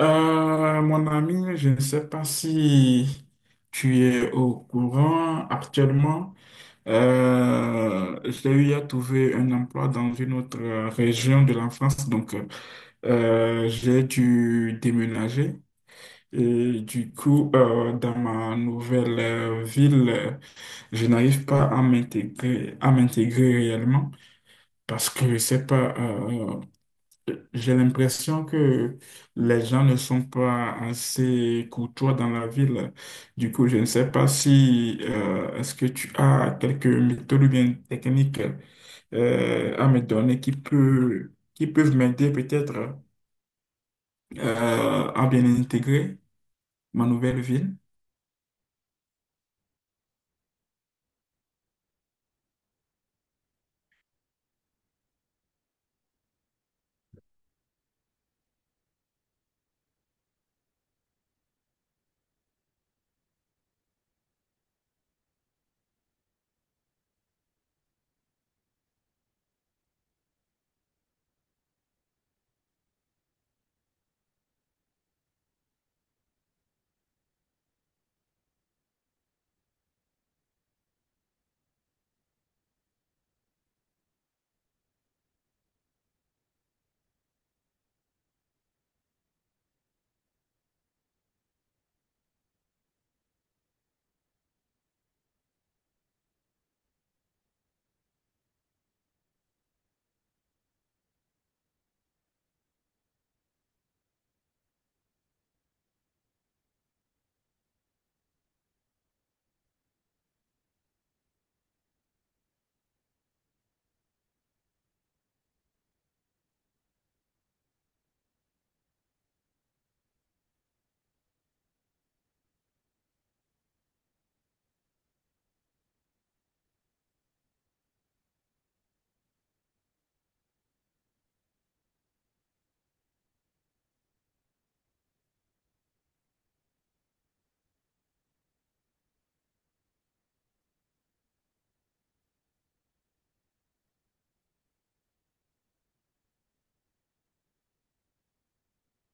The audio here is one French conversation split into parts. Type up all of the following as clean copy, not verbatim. Mon ami, je ne sais pas si tu es au courant actuellement. J'ai eu à trouver un emploi dans une autre région de la France, donc j'ai dû déménager. Et du coup, dans ma nouvelle ville, je n'arrive pas à m'intégrer, à m'intégrer réellement parce que je sais pas. J'ai l'impression que les gens ne sont pas assez courtois dans la ville. Du coup, je ne sais pas si est-ce que tu as quelques méthodes ou bien techniques à me donner qui qui peuvent m'aider peut-être à bien intégrer ma nouvelle ville.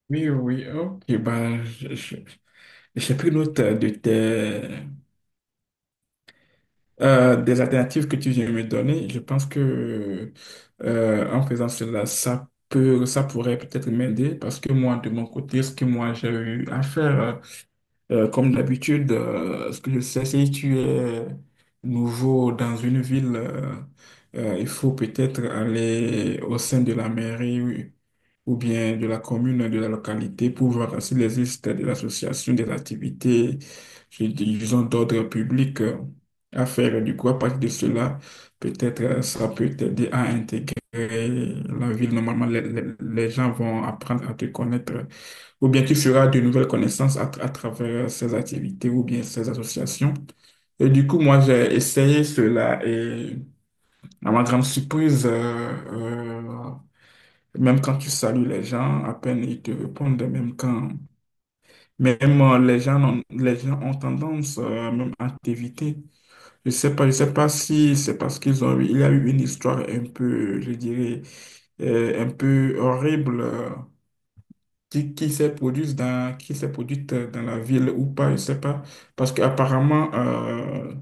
Oui, oui, ok. Ben, j'ai pris note de des alternatives que tu viens de me donner, je pense que en faisant cela, ça peut, ça pourrait peut-être m'aider parce que moi, de mon côté, ce que moi j'ai eu à faire, comme d'habitude, ce que je sais, si tu es nouveau dans une ville, il faut peut-être aller au sein de la mairie oui, ou bien de la commune, de la localité, pour voir s'il existe de l'association des activités, disons, d'ordre public à faire. Du coup, à partir de cela, peut-être ça peut t'aider à intégrer la ville. Normalement, les gens vont apprendre à te connaître. Ou bien tu feras de nouvelles connaissances à travers ces activités ou bien ces associations. Et du coup, moi, j'ai essayé cela et à ma grande surprise, même quand tu salues les gens, à peine ils te répondent, même Même les gens, les gens ont tendance même à t'éviter. Je sais pas si c'est parce qu'ils ont eu, il y a eu une histoire un peu, je dirais, un peu horrible qui s'est produite qui s'est produite dans la ville ou pas, je sais pas. Parce qu'apparemment, euh,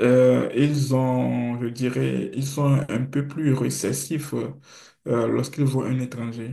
euh, ils ont, je dirais, ils sont un peu plus récessifs lorsqu'ils voient un étranger.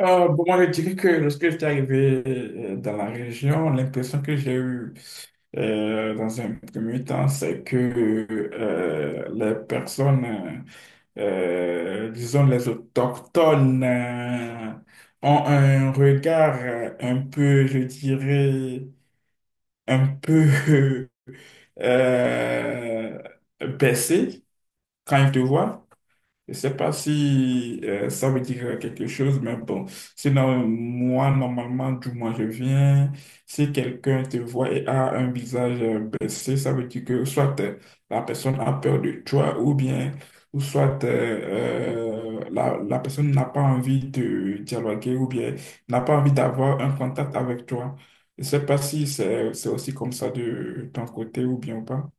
Bon, moi, je dirais que lorsque j'étais arrivé dans la région, l'impression que j'ai eue dans un premier temps, c'est que les personnes, euh, disons les autochtones, ont un regard un peu, je dirais, un peu euh, baissé quand ils te voient. Je ne sais pas si ça veut dire quelque chose, mais bon. Sinon, moi, normalement, du moins, je viens. Si quelqu'un te voit et a un visage baissé, ça veut dire que soit la personne a peur de toi ou bien, ou soit la personne n'a pas envie de dialoguer ou bien n'a pas envie d'avoir un contact avec toi. Je ne sais pas si c'est aussi comme ça de ton côté ou bien ou pas.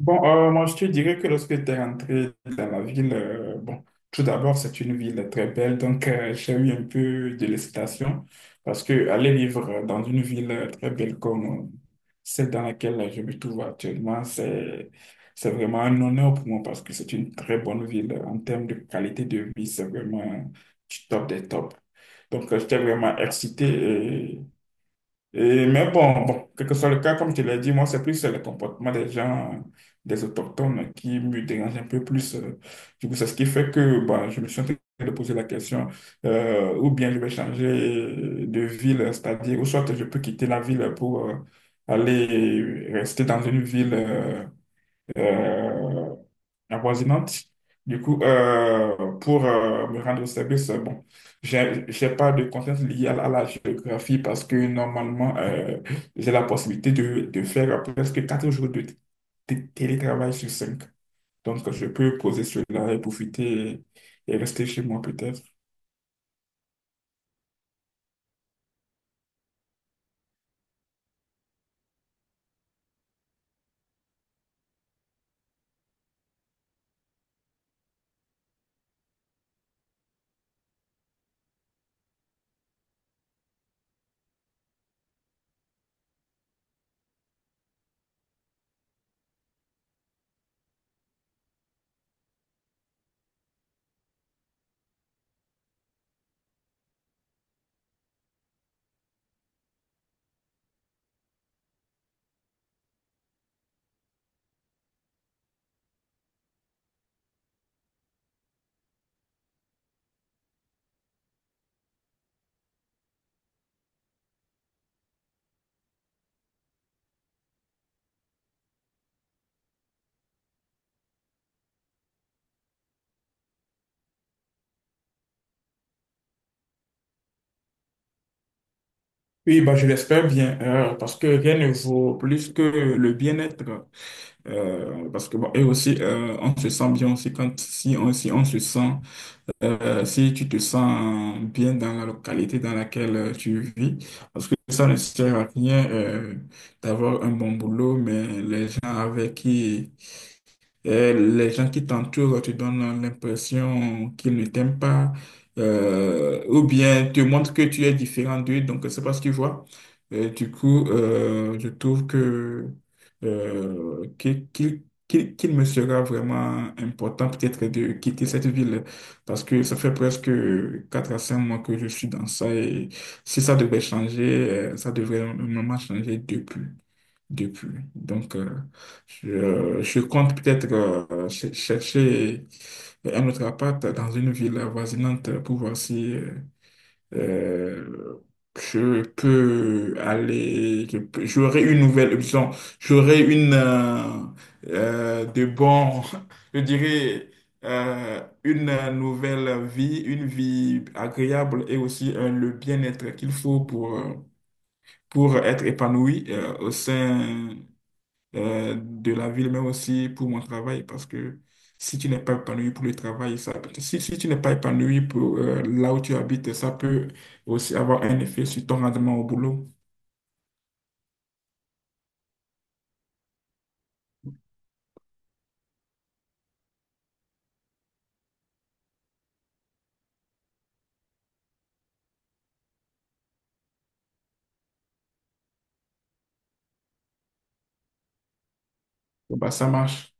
Bon, moi, je te dirais que lorsque tu es rentré dans la ville, bon, tout d'abord, c'est une ville très belle, donc j'ai eu un peu de l'excitation parce que aller vivre dans une ville très belle comme celle dans laquelle je me trouve actuellement, c'est vraiment un honneur pour moi parce que c'est une très bonne ville en termes de qualité de vie, c'est vraiment du top des tops. Donc, j'étais vraiment excité. Et, mais bon, quel que soit le cas, comme tu l'as dit, moi, c'est plus le comportement des gens, des autochtones, qui me dérange un peu plus. Du coup, c'est ce qui fait que bah, je me suis en train de poser la question, ou bien je vais changer de ville, c'est-à-dire, ou soit je peux quitter la ville pour aller rester dans une ville euh, avoisinantes. Du coup, pour me rendre au service, bon, j'ai pas de contraintes liées à la géographie parce que normalement, j'ai la possibilité de faire presque 4 jours de télétravail sur 5. Donc, je peux poser cela et profiter et rester chez moi peut-être. Oui, bah, je l'espère bien, parce que rien ne vaut plus que le bien-être. Parce que, bon, et aussi, on se sent bien aussi quand, si on se sent, si tu te sens bien dans la localité dans laquelle tu vis. Parce que ça ne sert à rien, d'avoir un bon boulot, mais les gens avec qui et les gens qui t'entourent te donnent l'impression qu'ils ne t'aiment pas, ou bien te montrent que tu es différent d'eux, donc c'est pas ce qu'ils voient. Et du coup, je trouve que euh, qu'il qu'il- qu'il me sera vraiment important peut-être de quitter cette ville parce que ça fait presque 4 à 5 mois que je suis dans ça et si ça devait changer, ça devrait vraiment changer depuis. Donc, je compte peut-être chercher un autre appart dans une ville avoisinante pour voir si euh, je peux aller, j'aurai une nouvelle, disons, j'aurai une euh, de bon, je dirais, une nouvelle vie, une vie agréable et aussi le bien-être qu'il faut pour être épanoui au sein de la ville, mais aussi pour mon travail, parce que si tu n'es pas épanoui pour le travail, si, si tu n'es pas épanoui pour là où tu habites, ça peut aussi avoir un effet sur ton rendement au boulot. Bon, bah, ça marche.